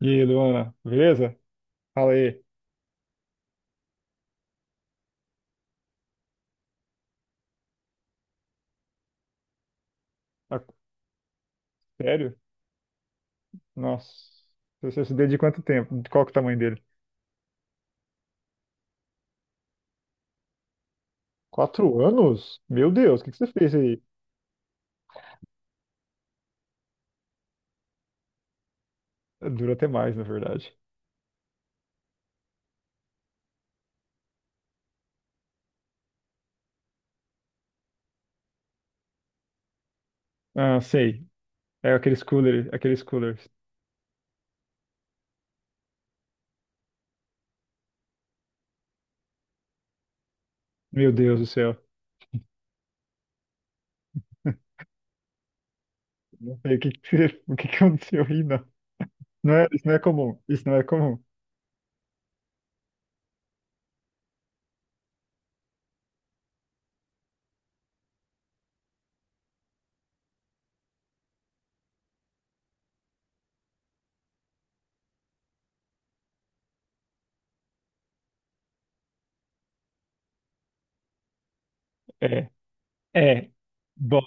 E aí, Luana, beleza? Fala aí. Tá- Sério? Nossa, você se deu de quanto tempo? De Qual que é o tamanho dele? 4 anos? Meu Deus, o que que você fez aí? Dura até mais, na verdade. Ah, sei. É aqueles coolers. Meu Deus do céu. Não sei o que que você- o que que aconteceu aí, não. Não é, isso não é comum. Isso não é comum. É. É. Bom,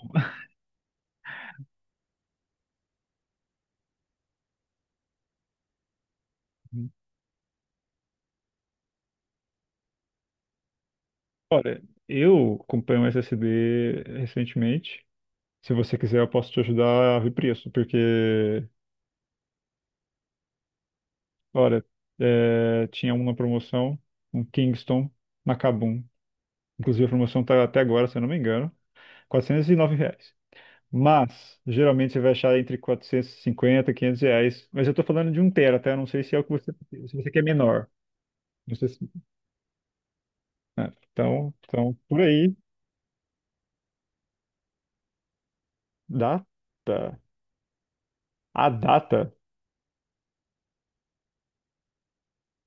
olha, eu comprei um SSD recentemente. Se você quiser, eu posso te ajudar a ver preço, porque olha, tinha um na promoção, um Kingston Macabum. Inclusive a promoção tá até agora, se eu não me engano, R$ 409. Mas geralmente você vai achar entre 450 e 500 reais. Mas eu tô falando de um tera, tá? Eu não sei se é o que você, se você quer menor. Não sei se- então, então, por aí, data. A data.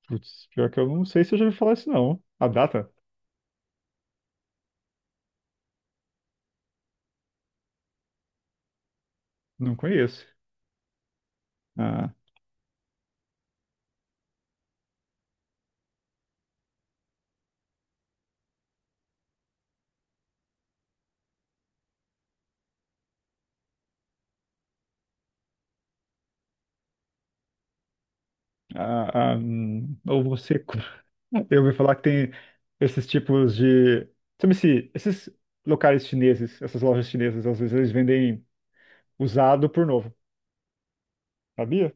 Putz, pior que eu não sei se eu já ouvi falar isso, não. A data? Não conheço. Ah, ah, ou você. Eu ouvi falar que tem esses tipos de. Sabe se esses locais chineses, essas lojas chinesas, às vezes eles vendem usado por novo. Sabia?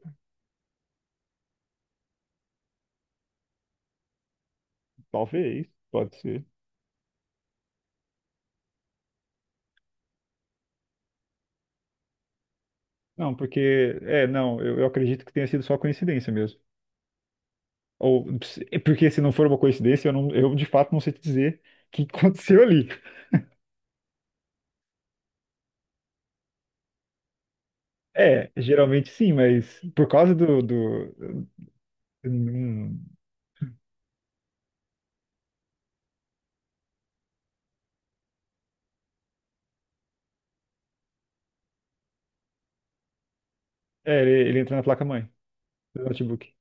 Talvez, pode ser. Não, porque. É, não, eu acredito que tenha sido só coincidência mesmo. Ou é porque se não for uma coincidência, eu, não, eu de fato não sei te dizer o que aconteceu ali. É, geralmente sim, mas por causa do, hum, ele entra na placa-mãe do notebook.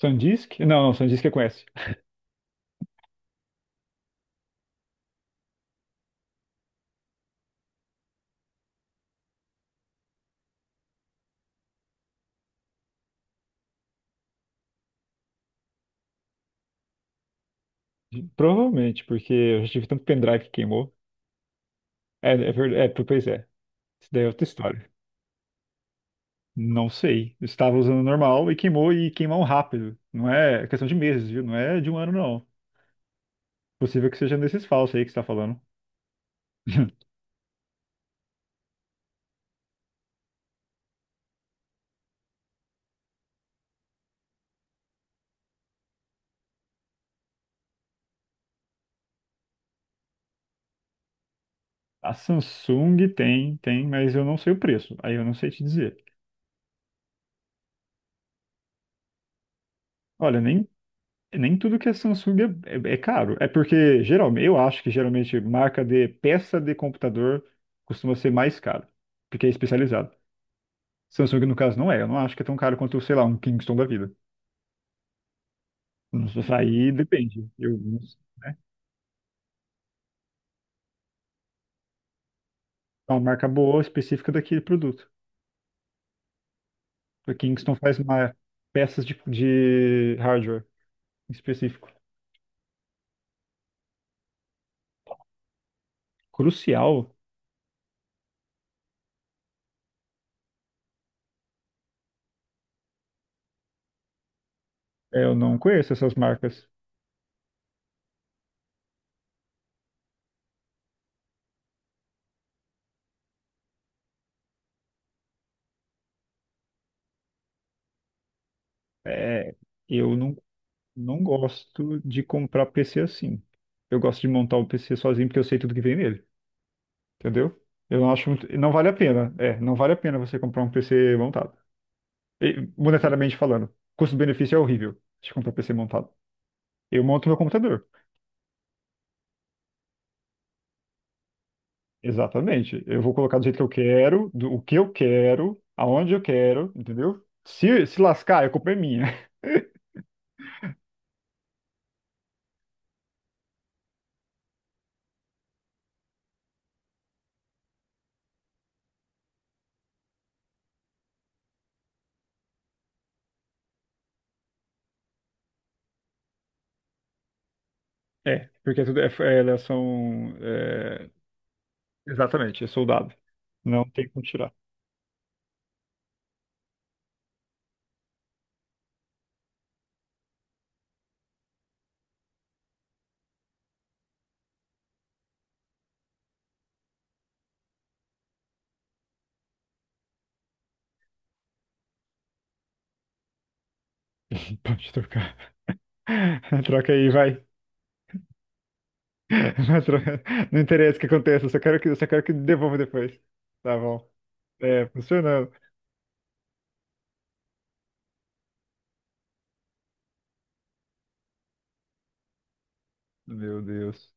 SanDisk? Não, não, SanDisk eu conheço. Provavelmente, porque eu já tive tanto pendrive que queimou. É, é verdade. É, pois é. Isso daí é outra história. Não sei. Eu estava usando normal e queimou rápido. Não é questão de meses, viu? Não é de um ano, não. Possível que seja desses falsos aí que você está falando. A Samsung tem, mas eu não sei o preço. Aí eu não sei te dizer. Olha, nem tudo que é Samsung é caro. É porque geralmente, eu acho que geralmente marca de peça de computador costuma ser mais caro, porque é especializado. Samsung, no caso, não é. Eu não acho que é tão caro quanto, sei lá, um Kingston da vida. Nossa, aí depende. É uma marca boa, específica daquele produto. A Kingston faz peças de hardware específico. Crucial, é, eu não conheço essas marcas. É, eu não gosto de comprar PC assim. Eu gosto de montar o PC sozinho porque eu sei tudo que vem nele, entendeu? Eu não acho muito, não vale a pena. É, não vale a pena você comprar um PC montado. E, monetariamente falando, custo-benefício é horrível de comprar PC montado. Eu monto meu computador. Exatamente. Eu vou colocar do jeito que eu quero, do o que eu quero, aonde eu quero, entendeu? Se lascar, a culpa é minha. É, porque tudo é, elas são. É, exatamente, é soldado. Não tem como tirar. Pode trocar. Troca aí, vai. Não tro- não interessa o que aconteça, eu só quero que, devolva depois. Tá bom. É, funcionando. Meu Deus.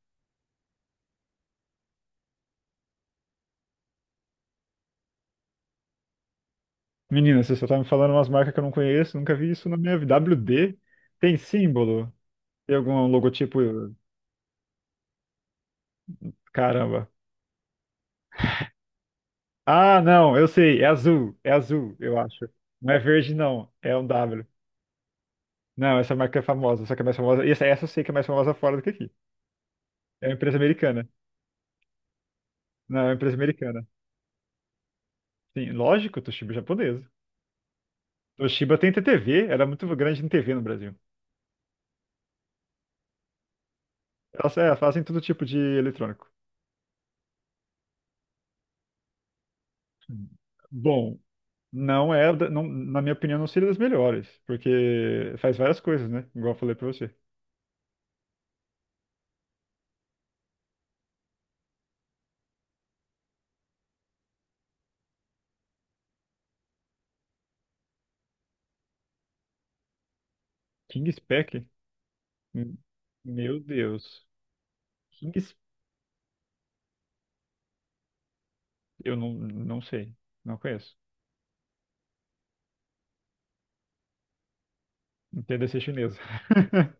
Menina, você só tá me falando umas marcas que eu não conheço, nunca vi isso na minha vida. W D. Tem símbolo? Tem algum logotipo? Caramba. Ah, não, eu sei, é azul, eu acho. Não é verde, não, é um W. Não, essa marca é famosa, só que é mais famosa. Essa eu sei que é mais famosa fora do que aqui. É uma empresa americana. Não, é uma empresa americana. Sim, lógico, Toshiba é japonesa. Toshiba tem TTV, era muito grande em TV no Brasil. Elas fazem todo tipo de eletrônico. Bom, na minha opinião, não seria das melhores, porque faz várias coisas, né? Igual eu falei pra você. King Spec? Hum. Meu Deus. King, Spec- eu não sei, não conheço. Entenda ser chinesa.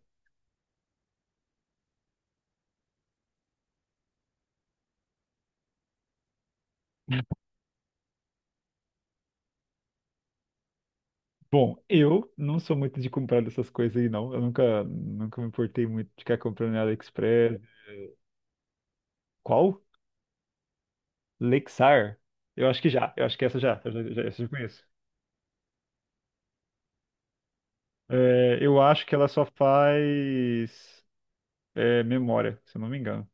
Bom, eu não sou muito de comprar dessas coisas aí, não. Eu nunca, nunca me importei muito de ficar comprando na AliExpress. Qual? Lexar? Essa eu já conheço. É, eu acho que ela só faz memória, se eu não me engano.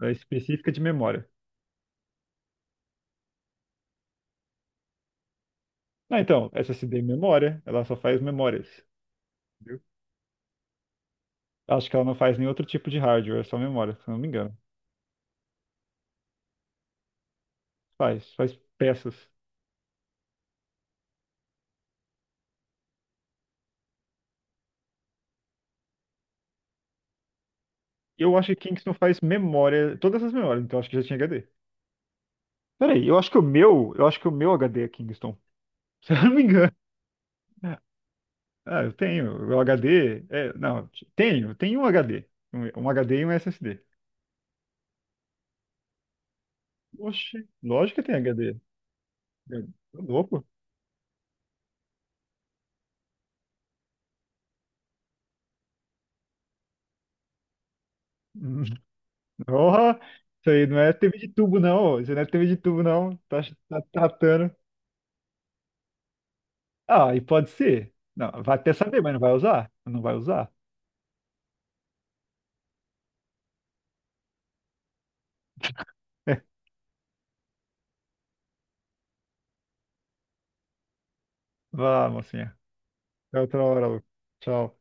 Ela é específica de memória. Ah, então, SSD memória, ela só faz memórias. Entendeu? Acho que ela não faz nenhum outro tipo de hardware, é só memória, se eu não me engano. Faz, faz peças. Eu acho que Kingston faz memória, todas as memórias, então acho que já tinha HD. Peraí, eu acho que o meu HD é Kingston, se eu não me engano. Ah, eu tenho, o HD, não, tenho um HD, um HD e um SSD. Oxe, lógico que tem HD. Tô louco. Porra! Isso aí não é TV de tubo, não. Ô. Isso não é TV de tubo, não. Tá, tá tratando. Ah, e pode ser. Não, vai até saber, mas não vai usar. Não vai usar. Vá, mocinha. Até outra hora, Lu. Tchau.